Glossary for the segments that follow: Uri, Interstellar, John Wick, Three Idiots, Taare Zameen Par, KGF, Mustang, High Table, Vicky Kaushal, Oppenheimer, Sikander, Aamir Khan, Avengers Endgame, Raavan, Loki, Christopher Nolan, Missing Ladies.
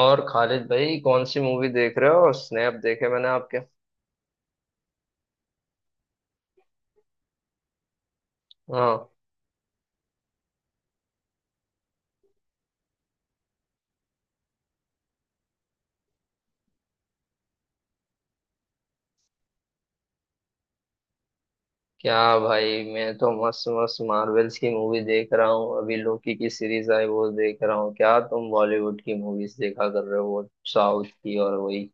और खालिद भाई कौन सी मूवी देख रहे हो? स्नैप देखे मैंने आपके। हाँ। क्या भाई, मैं तो मस्त मस्त मार्वल्स की मूवी देख रहा हूँ। अभी लोकी की सीरीज आई, वो देख रहा हूँ। क्या तुम बॉलीवुड की मूवीज देखा कर रहे हो, वो साउथ की और वही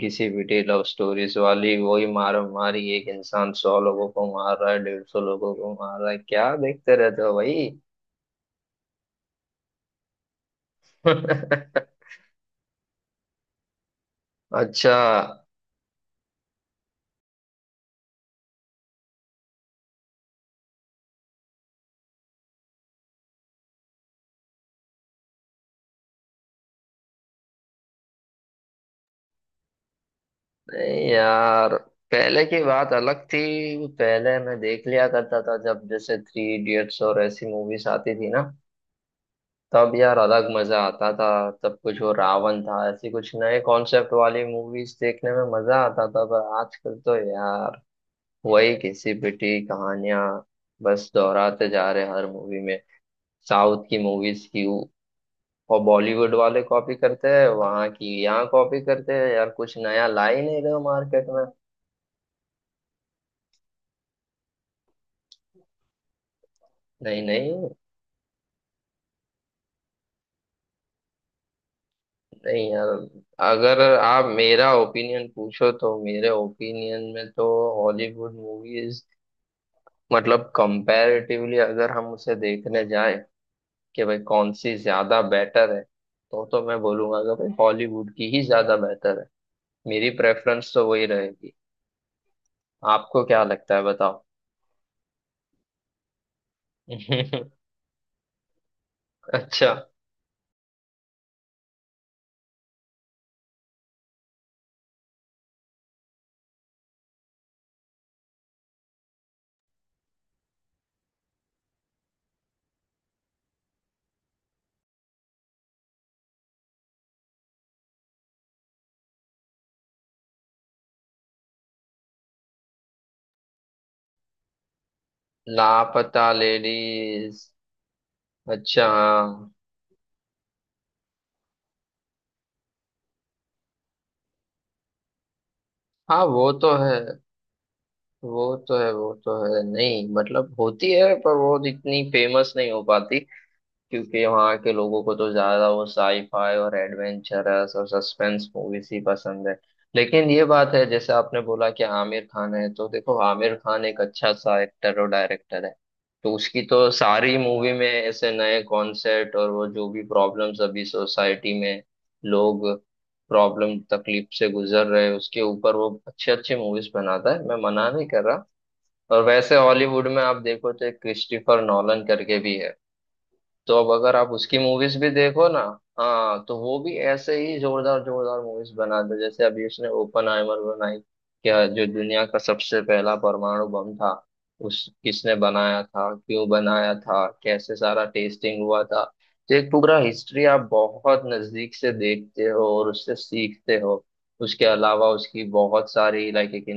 किसी पिटी लव स्टोरीज वाली, वही मार मारी, एक इंसान 100 लोगों को मार रहा है, 150 लोगों को मार रहा है। क्या देखते रहते हो भाई? अच्छा। नहीं यार, पहले की बात अलग थी। पहले मैं देख लिया करता था, जब जैसे थ्री इडियट्स और ऐसी मूवीज आती थी ना, तब यार अलग मजा आता था। तब कुछ वो रावण था, ऐसी कुछ नए कॉन्सेप्ट वाली मूवीज देखने में मजा आता था। पर आजकल तो यार वही घिसी पिटी कहानियां बस दोहराते जा रहे हैं हर मूवी में। साउथ की मूवीज की और बॉलीवुड वाले कॉपी करते हैं, वहां की यहाँ कॉपी करते हैं यार, कुछ नया ला ही नहीं रहे हो मार्केट में। नहीं नहीं। नहीं यार, अगर आप मेरा ओपिनियन पूछो तो मेरे ओपिनियन में तो हॉलीवुड मूवीज, मतलब कंपैरेटिवली अगर हम उसे देखने जाए कि भाई कौन सी ज्यादा बेटर है, तो मैं बोलूंगा कि भाई हॉलीवुड की ही ज्यादा बेटर है। मेरी प्रेफरेंस तो वही रहेगी। आपको क्या लगता है, बताओ। अच्छा। लापता लेडीज। अच्छा हाँ। हाँ वो तो है। वो तो है वो तो है। नहीं मतलब होती है, पर वो इतनी फेमस नहीं हो पाती, क्योंकि वहाँ के लोगों को तो ज्यादा वो साईफाई और एडवेंचरस और सस्पेंस मूवीज ही पसंद है। लेकिन ये बात है, जैसे आपने बोला कि आमिर खान है, तो देखो आमिर खान एक अच्छा सा एक्टर और डायरेक्टर है। तो उसकी तो सारी मूवी में ऐसे नए कॉन्सेप्ट, और वो जो भी प्रॉब्लम्स अभी सोसाइटी में लोग, प्रॉब्लम तकलीफ से गुजर रहे हैं, उसके ऊपर वो अच्छे अच्छे मूवीज बनाता है। मैं मना नहीं कर रहा। और वैसे हॉलीवुड में आप देखो, तो एक क्रिस्टोफर नॉलन करके भी है। तो अब अगर आप उसकी मूवीज भी देखो ना, हाँ, तो वो भी ऐसे ही जोरदार जोरदार मूवीज बनाते हैं। जैसे अभी उसने ओपन आइमर बनाई, क्या, जो दुनिया का सबसे पहला परमाणु बम था, उस किसने बनाया था, क्यों बनाया था, कैसे सारा टेस्टिंग हुआ था। तो एक पूरा हिस्ट्री आप बहुत नजदीक से देखते हो और उससे सीखते हो। उसके अलावा उसकी बहुत सारी, लाइक एक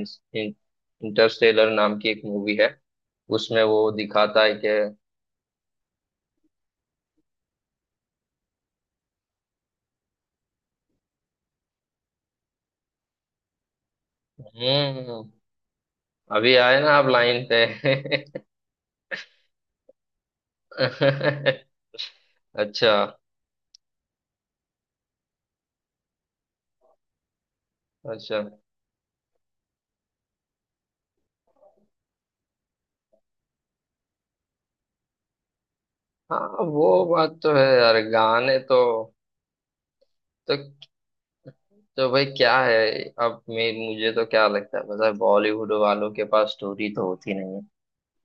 इंटरस्टेलर नाम की एक मूवी है, उसमें वो दिखाता है कि, हम्म, अभी आए ना आप लाइन पे। अच्छा। अच्छा। हाँ वो बात तो है यार, गाने तो तो भाई क्या है। अब मैं मुझे तो क्या लगता है पता है, बॉलीवुड वालों के पास स्टोरी तो होती नहीं है।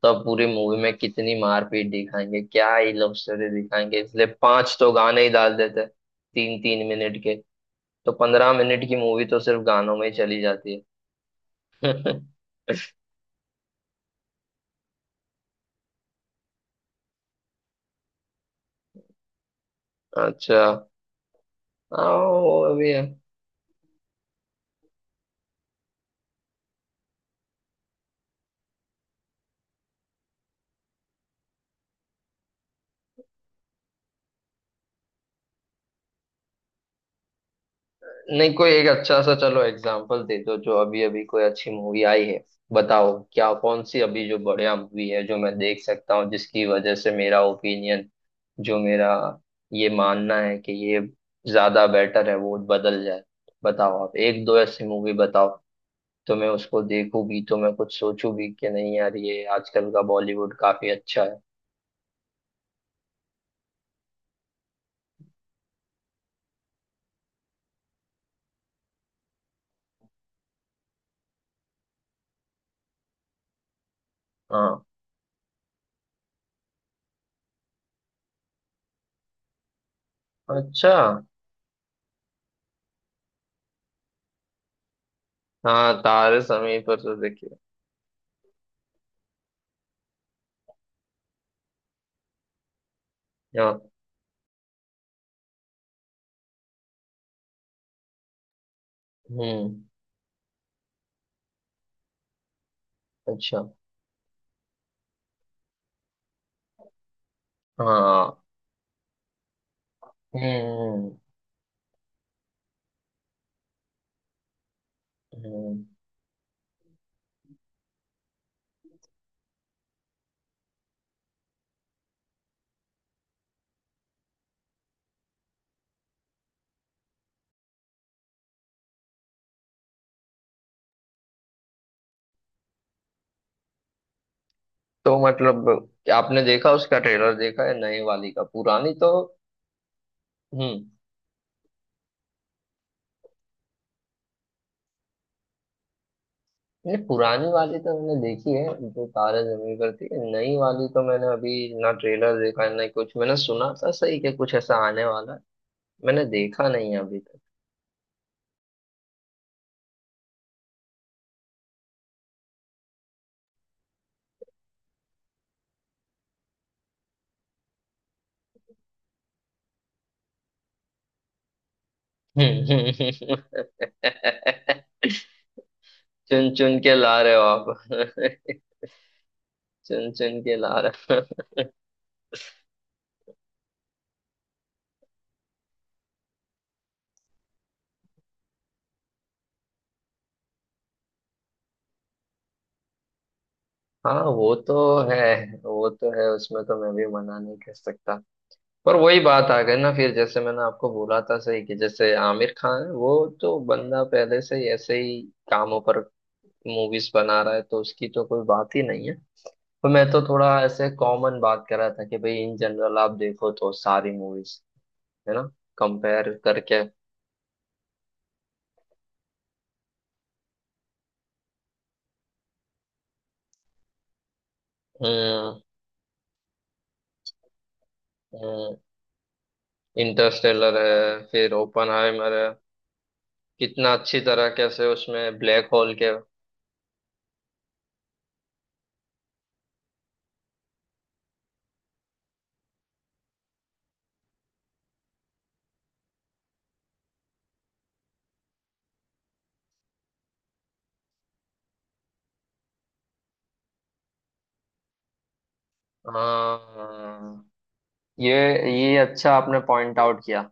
तो अब पूरी मूवी में कितनी मारपीट दिखाएंगे, क्या ही लव स्टोरी दिखाएंगे, इसलिए पांच तो गाने ही डाल देते हैं, तीन तीन मिनट के। तो 15 मिनट की मूवी तो सिर्फ गानों में ही चली जाती है। अच्छा। आओ अभी। नहीं कोई एक अच्छा सा, चलो एग्जाम्पल दे दो जो अभी अभी कोई अच्छी मूवी आई है। बताओ क्या, कौन सी अभी जो बढ़िया मूवी है जो मैं देख सकता हूँ, जिसकी वजह से मेरा ओपिनियन, जो मेरा ये मानना है कि ये ज्यादा बेटर है, वो बदल जाए। बताओ आप एक दो ऐसी मूवी बताओ, तो मैं उसको देखूं भी, तो मैं कुछ सोचूं भी कि नहीं यार, ये आजकल का बॉलीवुड काफी अच्छा है। हाँ। अच्छा हाँ। तारे समय पर तो देखिए। हाँ। हम्म। अच्छा। हाँ। हम्म। हम्म। तो मतलब, आपने देखा, उसका ट्रेलर देखा है नई वाली का? पुरानी तो, हम्म, नहीं पुरानी वाली तो मैंने देखी है, जो तारे जमीन पर थी। नई वाली तो मैंने अभी ना ट्रेलर देखा है, ना कुछ। मैंने सुना था सही कि कुछ ऐसा आने वाला है, मैंने देखा नहीं है अभी तक। हम्म। चुन चुन के ला रहे हो आप। चुन चुन के ला रहे हो। हाँ वो तो है। वो तो है, उसमें तो मैं भी मना नहीं कर सकता। पर वही बात आ गई ना फिर, जैसे मैंने आपको बोला था सही, कि जैसे आमिर खान है, वो तो बंदा पहले से ही ऐसे ही कामों पर मूवीज बना रहा है, तो उसकी तो कोई बात ही नहीं है। तो मैं तो थोड़ा ऐसे कॉमन बात कर रहा था, कि भाई इन जनरल आप देखो तो सारी मूवीज, है ना, कंपेयर करके। हम्म। इंटरस्टेलर है, फिर ओपनहाइमर है। कितना अच्छी तरह, कैसे उसमें ब्लैक होल के, हाँ। ये ये अच्छा आपने पॉइंट आउट किया।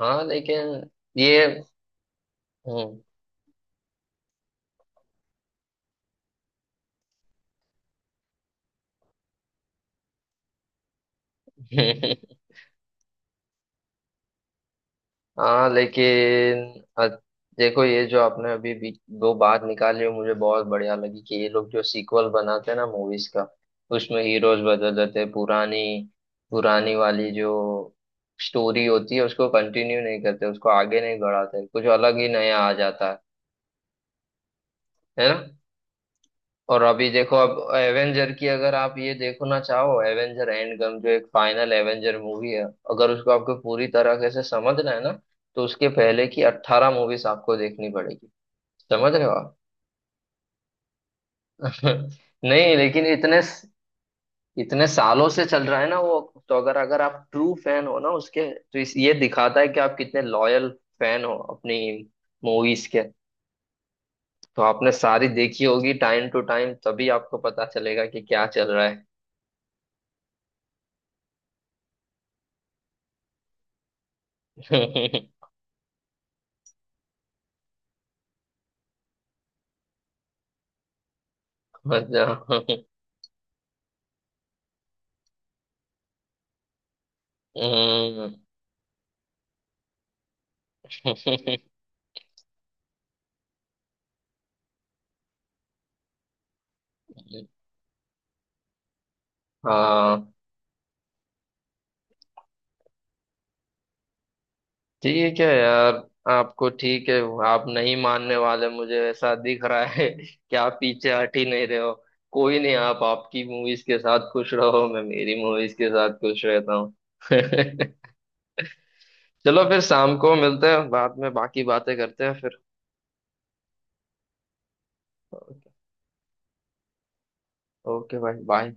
हाँ लेकिन। ये हम्म हाँ लेकिन, देखो ये जो आपने अभी भी दो बात निकाली, वो मुझे बहुत बढ़िया लगी, कि ये लोग जो सीक्वल बनाते हैं ना मूवीज का, उसमें हीरोज बदल देते हैं। पुरानी पुरानी वाली जो स्टोरी होती है, उसको कंटिन्यू नहीं करते, उसको आगे नहीं बढ़ाते, कुछ अलग ही नया आ जाता है ना। और अभी देखो, अब एवेंजर की, अगर आप ये देखना चाहो, एवेंजर एंड गम जो एक फाइनल एवेंजर मूवी है, अगर उसको आपको पूरी तरह से समझना है ना, तो उसके पहले की 18 मूवीज आपको देखनी पड़ेगी। समझ रहे हो आप? नहीं लेकिन, इतने इतने सालों से चल रहा है ना वो, तो अगर अगर आप ट्रू फैन हो ना उसके, तो इस, ये दिखाता है कि आप कितने लॉयल फैन हो अपनी मूवीज के। तो आपने सारी देखी होगी टाइम टू टाइम, तभी आपको पता चलेगा कि क्या चल रहा है। बजा- हम्म। हाँ ठीक है यार। आपको ठीक है, आप नहीं मानने वाले, मुझे ऐसा दिख रहा है कि आप पीछे हट ही नहीं रहे हो। कोई नहीं, आप आपकी मूवीज के साथ खुश रहो, मैं मेरी मूवीज के साथ खुश रहता हूँ। चलो फिर शाम को मिलते हैं, बाद में बाकी बातें करते हैं फिर। ओके। ओके भाई, बाय।